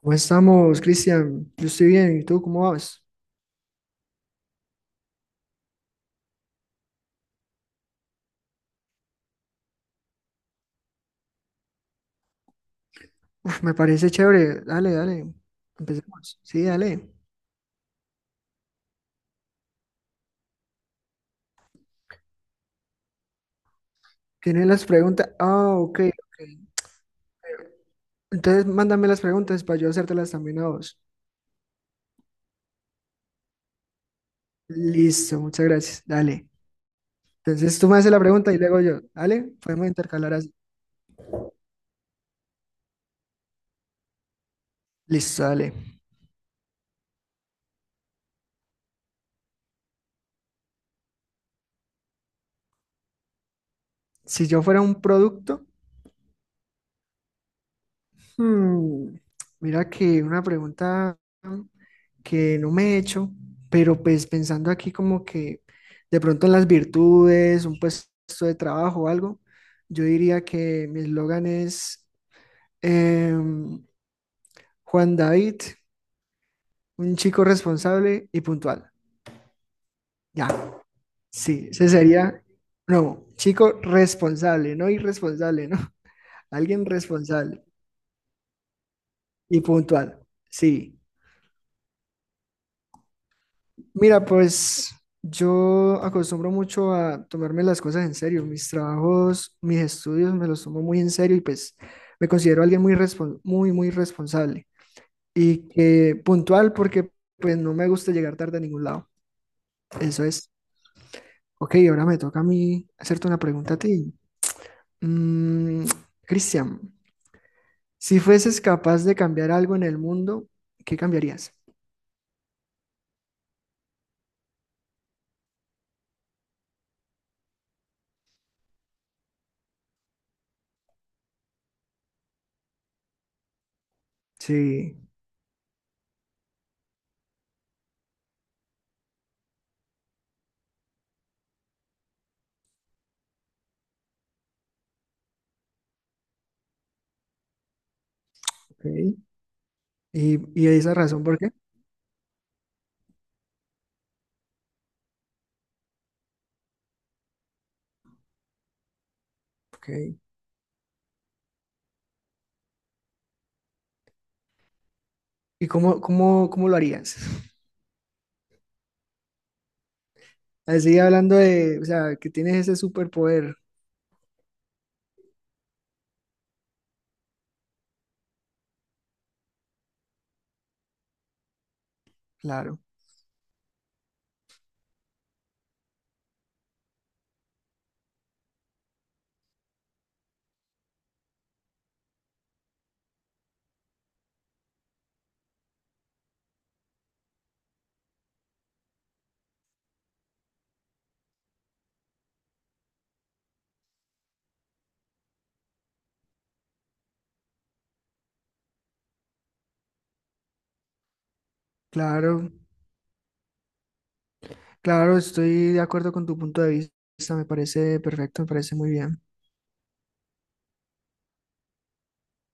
¿Cómo estamos, Cristian? Yo estoy bien, ¿y tú cómo vas? Uf, me parece chévere. Dale, dale. Empecemos. Sí, dale. ¿Tienes las preguntas? Ah, ok, ok. Entonces, mándame las preguntas para yo hacértelas también a vos. Listo, muchas gracias. Dale. Entonces, tú me haces la pregunta y luego yo. Dale, podemos intercalar así. Listo, dale. Si yo fuera un producto, hmm, mira que una pregunta que no me he hecho, pero pues pensando aquí como que de pronto en las virtudes, un puesto de trabajo o algo, yo diría que mi eslogan es em, Juan David, un chico responsable y puntual. Ya, sí, ese sería, no, chico responsable, no irresponsable, ¿no? Alguien responsable y puntual, sí. Mira, pues yo acostumbro mucho a tomarme las cosas en serio. Mis trabajos, mis estudios me los tomo muy en serio y pues me considero alguien muy, muy responsable y que puntual porque pues no me gusta llegar tarde a ningún lado. Eso es. Ok, ahora me toca a mí hacerte una pregunta a ti. Mm, Cristian, si fueses capaz de cambiar algo en el mundo, ¿qué cambiarías? Sí, ok. ¿Y, esa razón por qué? Ok. ¿Y cómo lo harías? Así hablando de, o sea, que tienes ese superpoder. Claro, claro, claro, estoy de acuerdo con tu punto de vista. Me parece perfecto, me parece muy bien.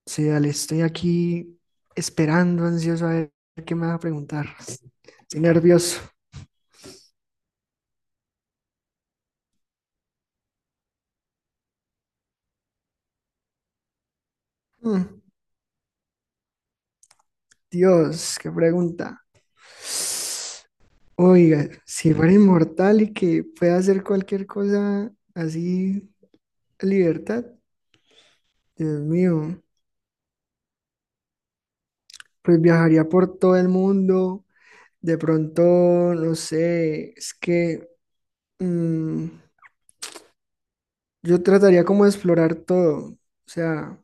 Sí, dale, estoy aquí esperando, ansioso a ver qué me vas a preguntar. Estoy nervioso. Mm, Dios, qué pregunta. Oiga, si fuera inmortal y que pueda hacer cualquier cosa así, a libertad, Dios mío. Pues viajaría por todo el mundo. De pronto, no sé, es que mm, yo trataría como de explorar todo. O sea,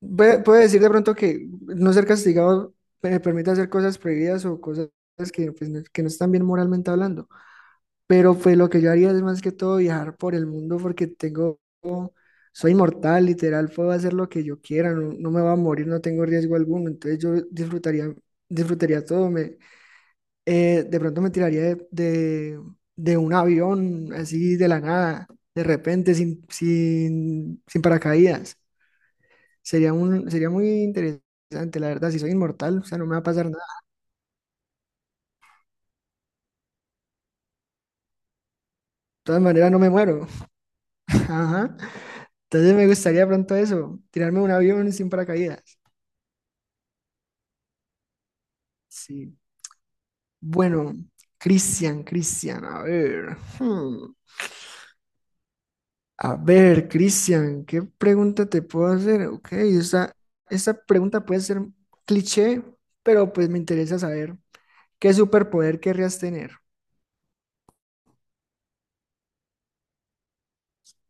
puedo decir de pronto que no ser castigado me permite hacer cosas prohibidas o cosas que, pues, no, que no están bien moralmente hablando. Pero pues lo que yo haría es más que todo viajar por el mundo porque tengo, soy inmortal, literal, puedo hacer lo que yo quiera, no, no me va a morir, no tengo riesgo alguno. Entonces yo disfrutaría, disfrutaría todo. De pronto me tiraría de un avión así de la nada, de repente, sin paracaídas. Sería muy interesante, la verdad, si soy inmortal, o sea, no me va a pasar nada. De todas maneras, no me muero. Ajá. Entonces me gustaría pronto eso, tirarme de un avión sin paracaídas. Sí. Bueno, Cristian, a ver. Hmm. A ver, Cristian, ¿qué pregunta te puedo hacer? Ok, esa pregunta puede ser cliché, pero pues me interesa saber qué superpoder querrías tener.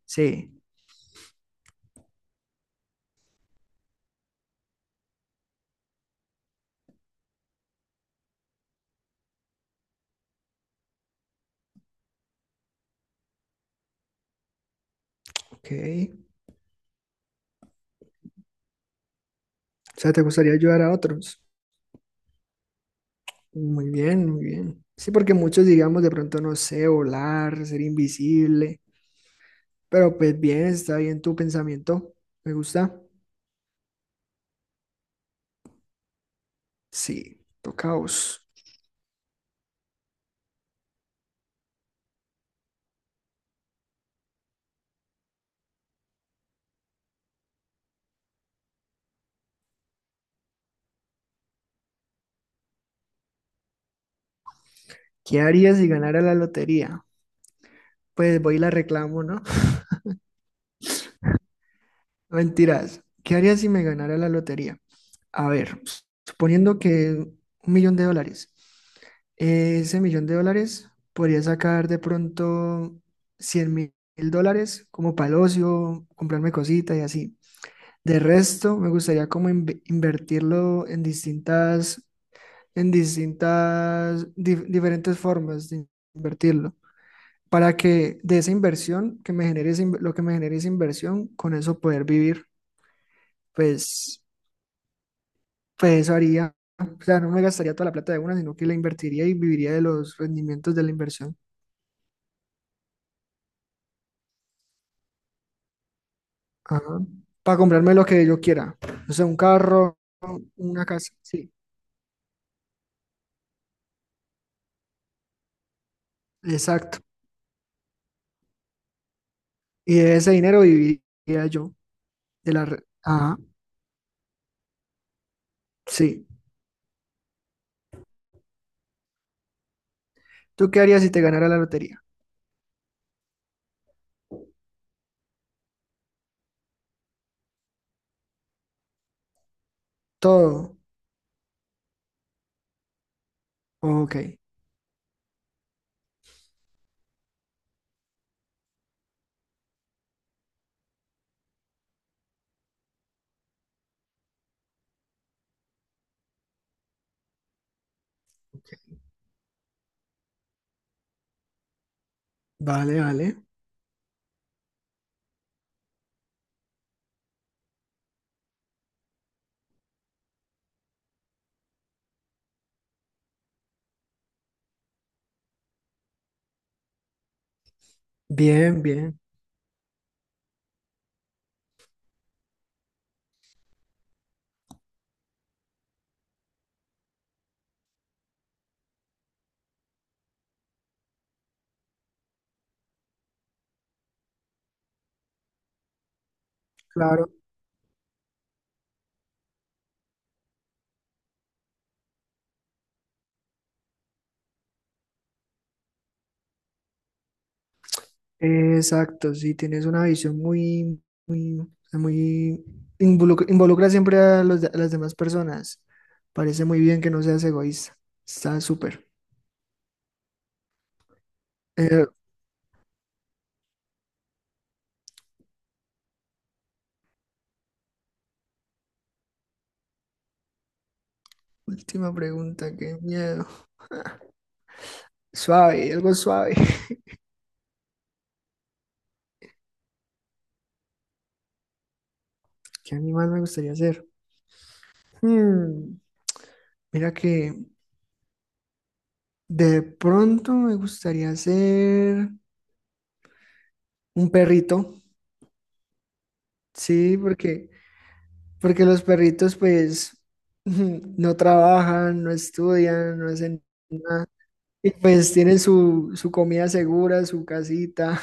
Sí, ok. O sea, ¿te gustaría ayudar a otros? Muy bien, muy bien. Sí, porque muchos digamos de pronto, no sé, volar, ser invisible, pero pues bien, está bien tu pensamiento. Me gusta. Sí, tocaos. ¿Qué harías si ganara la lotería? Pues voy y la reclamo, ¿no? Mentiras. ¿Qué haría si me ganara la lotería? A ver, suponiendo que $1 millón. Ese $1 millón podría sacar de pronto $100.000 como para el ocio, comprarme cositas y así. De resto, me gustaría como invertirlo en distintas, diferentes formas de invertirlo. Para que de esa inversión que me genere, lo que me genere esa inversión, con eso poder vivir, pues pues eso haría. O sea, no me gastaría toda la plata de una, sino que la invertiría y viviría de los rendimientos de la inversión. Ajá. Para comprarme lo que yo quiera. O sea, un carro, una casa. Sí, exacto. Y de ese dinero viviría yo. Ajá, sí. ¿Tú qué harías si te ganara la lotería? Todo. Ok. Vale, vale. Bien, bien. Claro. Exacto, sí, tienes una visión o sea, muy involucra siempre a, a las demás personas. Parece muy bien que no seas egoísta. Está súper. Eh, última pregunta, qué miedo. Suave, algo suave. ¿Qué animal me gustaría ser? Hmm, mira que de pronto me gustaría ser un perrito. Sí, porque, porque los perritos pues no trabajan, no estudian, no hacen nada. Y pues tienen su comida segura, su casita,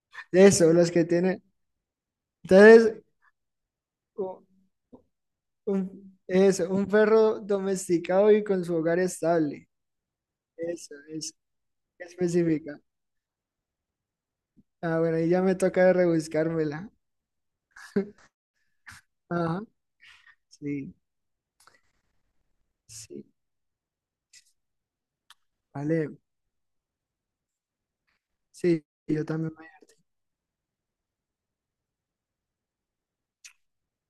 eso, los que tienen. Entonces, u- un perro domesticado y con su hogar estable. Eso, es específica. Ah, bueno, ahí ya me toca rebuscármela. Ajá, sí, sí, vale. Sí, yo también. Voy a-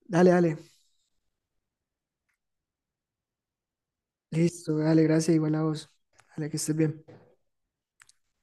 Dale, dale. Listo, dale, gracias, igual a vos. Dale, que estés bien.